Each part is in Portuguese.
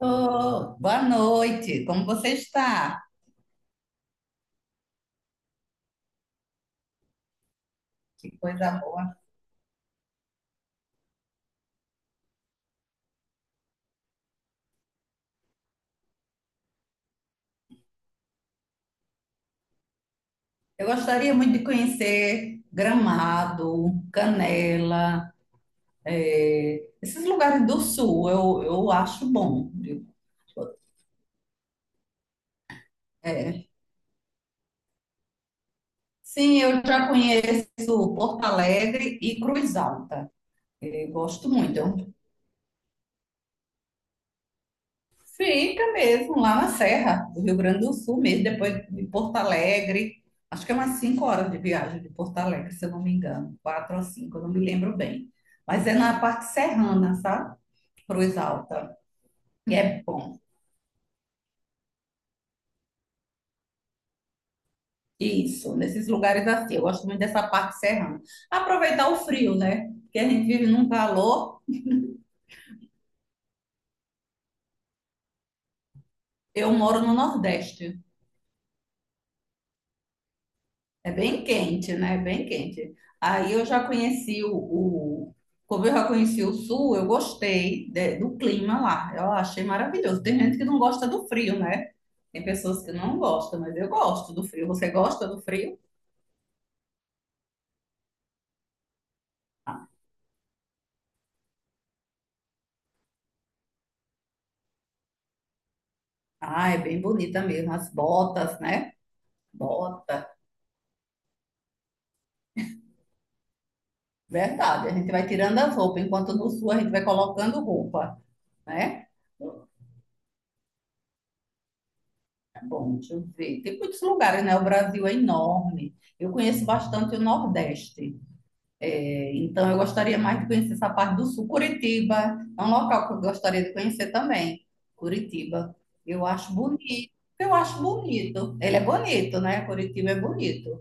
Oh, boa noite, como você está? Que coisa boa. Eu gostaria muito de conhecer Gramado, Canela, esses lugares do sul, eu acho bom, viu? É. Sim, eu já conheço Porto Alegre e Cruz Alta. Eu gosto muito. É um... Fica mesmo, lá na Serra do Rio Grande do Sul mesmo, depois de Porto Alegre. Acho que é umas 5 horas de viagem de Porto Alegre, se eu não me engano. Quatro ou cinco, eu não me lembro bem. Mas é na parte serrana, sabe? Cruz Alta. E é bom. Isso, nesses lugares assim. Eu gosto muito dessa parte serrana. Aproveitar o frio, né? Porque a gente vive num calor. Eu moro no Nordeste. É bem quente, né? É bem quente. Aí eu já conheci como eu já conheci o sul, eu gostei do clima lá. Eu achei maravilhoso. Tem gente que não gosta do frio, né? Tem pessoas que não gostam, mas eu gosto do frio. Você gosta do frio? Ah, é bem bonita mesmo. As botas, né? Bota. Verdade. A gente vai tirando as roupas, enquanto no sul a gente vai colocando roupa, né? Tá bom, deixa eu ver. Tem muitos lugares, né? O Brasil é enorme. Eu conheço bastante o Nordeste. Então, eu gostaria mais de conhecer essa parte do sul. Curitiba é um local que eu gostaria de conhecer também. Curitiba. Eu acho bonito. Eu acho bonito. Ele é bonito, né? Curitiba é bonito.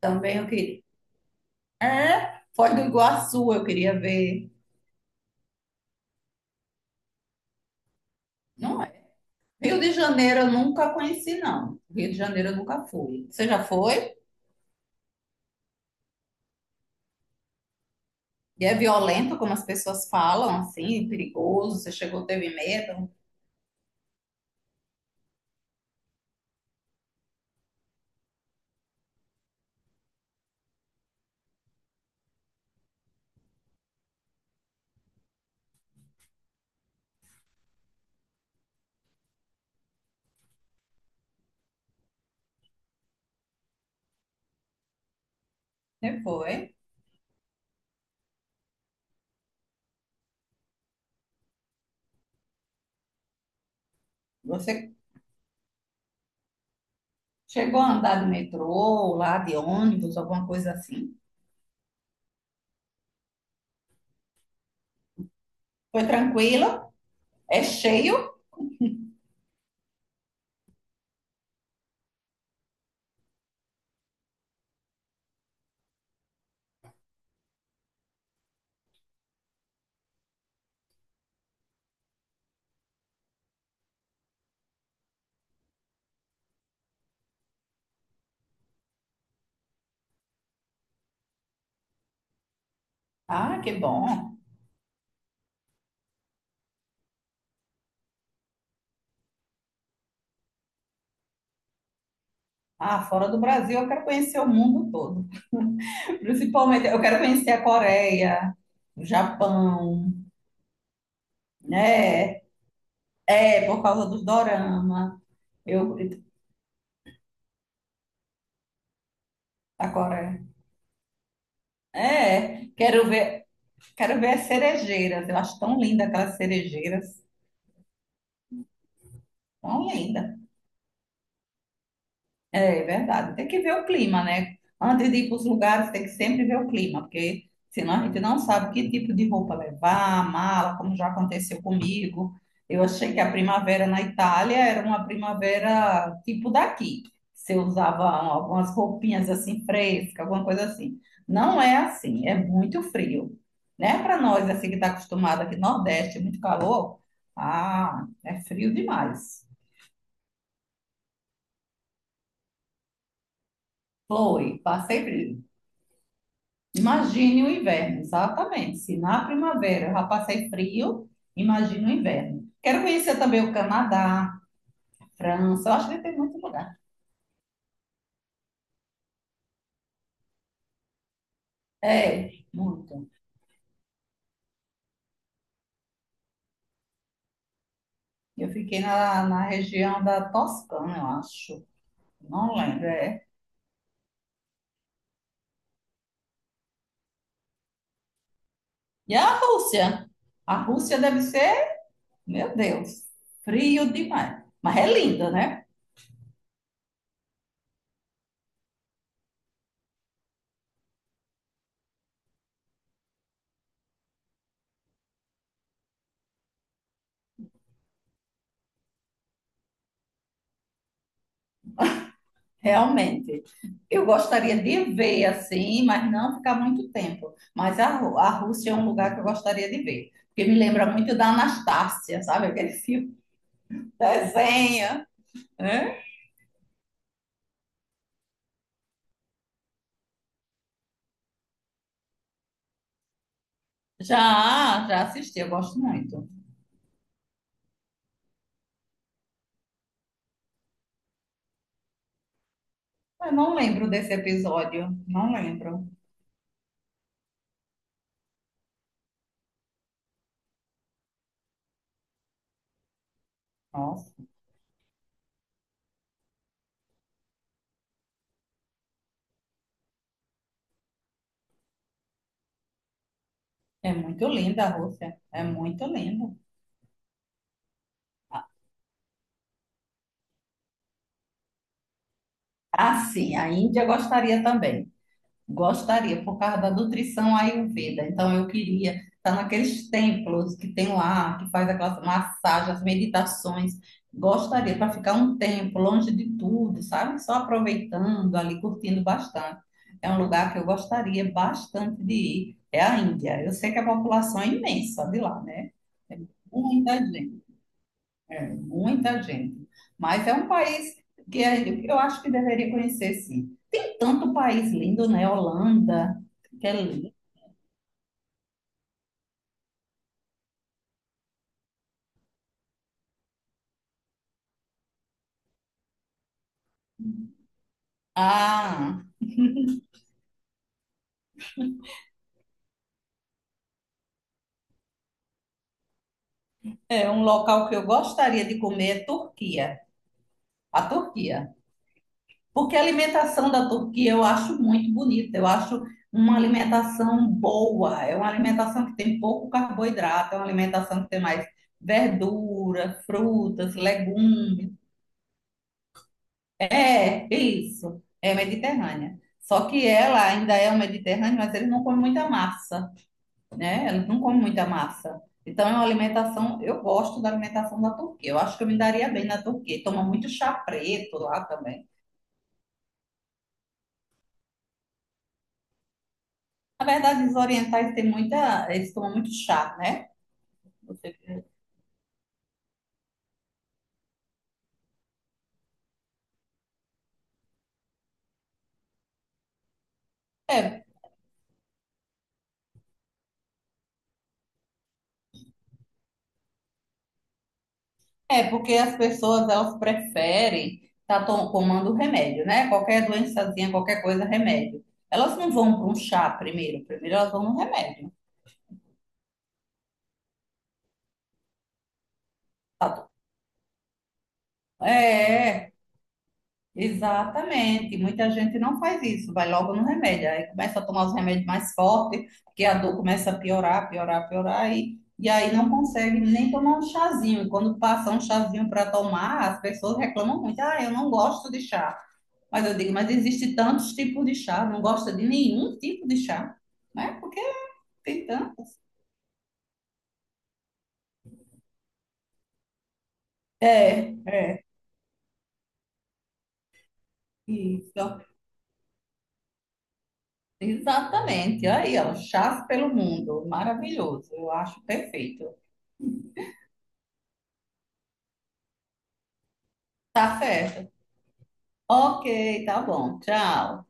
Também eu queria. É, Foz do Iguaçu eu queria ver. Não é? Rio de Janeiro eu nunca conheci, não. Rio de Janeiro eu nunca fui. Você já foi? E é violento, como as pessoas falam, assim, perigoso. Você chegou, teve medo? Você foi? Você chegou a andar de metrô, lá de ônibus, alguma coisa assim. Foi tranquila? É cheio? Ah, que bom. Ah, fora do Brasil, eu quero conhecer o mundo todo. Principalmente, eu quero conhecer a Coreia, o Japão, né? É, por causa dos dorama. Eu, a Coreia. É, quero ver as cerejeiras. Eu acho tão linda aquelas cerejeiras. Tão linda. É verdade, tem que ver o clima, né? Antes de ir para os lugares, tem que sempre ver o clima, porque senão a gente não sabe que tipo de roupa levar, mala, como já aconteceu comigo. Eu achei que a primavera na Itália era uma primavera tipo daqui. Você usava algumas roupinhas assim frescas, alguma coisa assim. Não é assim, é muito frio, né? Para nós, assim que está acostumado aqui no Nordeste, muito calor, ah, é frio demais. Foi, passei frio. Imagine o inverno, exatamente. Se na primavera eu já passei frio, imagine o inverno. Quero conhecer também o Canadá, França, eu acho que tem muito lugar. É, muito. Eu fiquei na região da Toscana, eu acho. Não lembro, é. E a Rússia? A Rússia deve ser, meu Deus, frio demais. Mas é linda, né? Realmente, eu gostaria de ver assim, mas não ficar muito tempo. Mas a a Rússia é um lugar que eu gostaria de ver, porque me lembra muito da Anastácia, sabe? Aquele filme, desenho, né? Já, já assisti, eu gosto muito. Mas não lembro desse episódio, não lembro. Nossa, é muito linda a Rússia, é muito linda. Ah, sim, a Índia eu gostaria também. Gostaria, por causa da nutrição Ayurveda. Então, eu queria estar naqueles templos que tem lá, que faz aquelas massagens, as meditações. Gostaria para ficar um tempo longe de tudo, sabe? Só aproveitando ali, curtindo bastante. É um lugar que eu gostaria bastante de ir. É a Índia. Eu sei que a população é imensa de lá, né? É muita gente. É, muita gente. Mas é um país que é- eu acho que deveria conhecer, sim. Tem tanto país lindo, né? Holanda, que é lindo. Ah, é um local que eu gostaria de comer é Turquia. A Turquia. Porque a alimentação da Turquia eu acho muito bonita. Eu acho uma alimentação boa. É uma alimentação que tem pouco carboidrato. É uma alimentação que tem mais verdura, frutas, legumes. É, isso. É mediterrânea. Só que ela ainda é um mediterrâneo, mas eles não comem muita massa, né? Eles não comem muita massa. Então é uma alimentação, eu gosto da alimentação da Turquia. Eu acho que eu me daria bem na Turquia. Toma muito chá preto lá também. Na verdade, os orientais têm muita, eles tomam muito chá, né? Você... É, é porque as pessoas elas preferem estar tomando remédio, né? Qualquer doençazinha, qualquer coisa, remédio. Elas não vão para um chá primeiro, primeiro elas vão no remédio. É, exatamente. Muita gente não faz isso, vai logo no remédio. Aí começa a tomar os remédios mais fortes, porque a dor começa a piorar, piorar, piorar, e aí não consegue nem tomar um chazinho. E quando passa um chazinho para tomar, as pessoas reclamam muito. Ah, eu não gosto de chá. Mas eu digo, mas existe tantos tipos de chá, não gosta de nenhum tipo de chá, né? Porque tem tantos. É, é. Isso. Exatamente. Aí, ó, chás pelo mundo. Maravilhoso. Eu acho perfeito. Tá certo. Ok, tá bom. Tchau.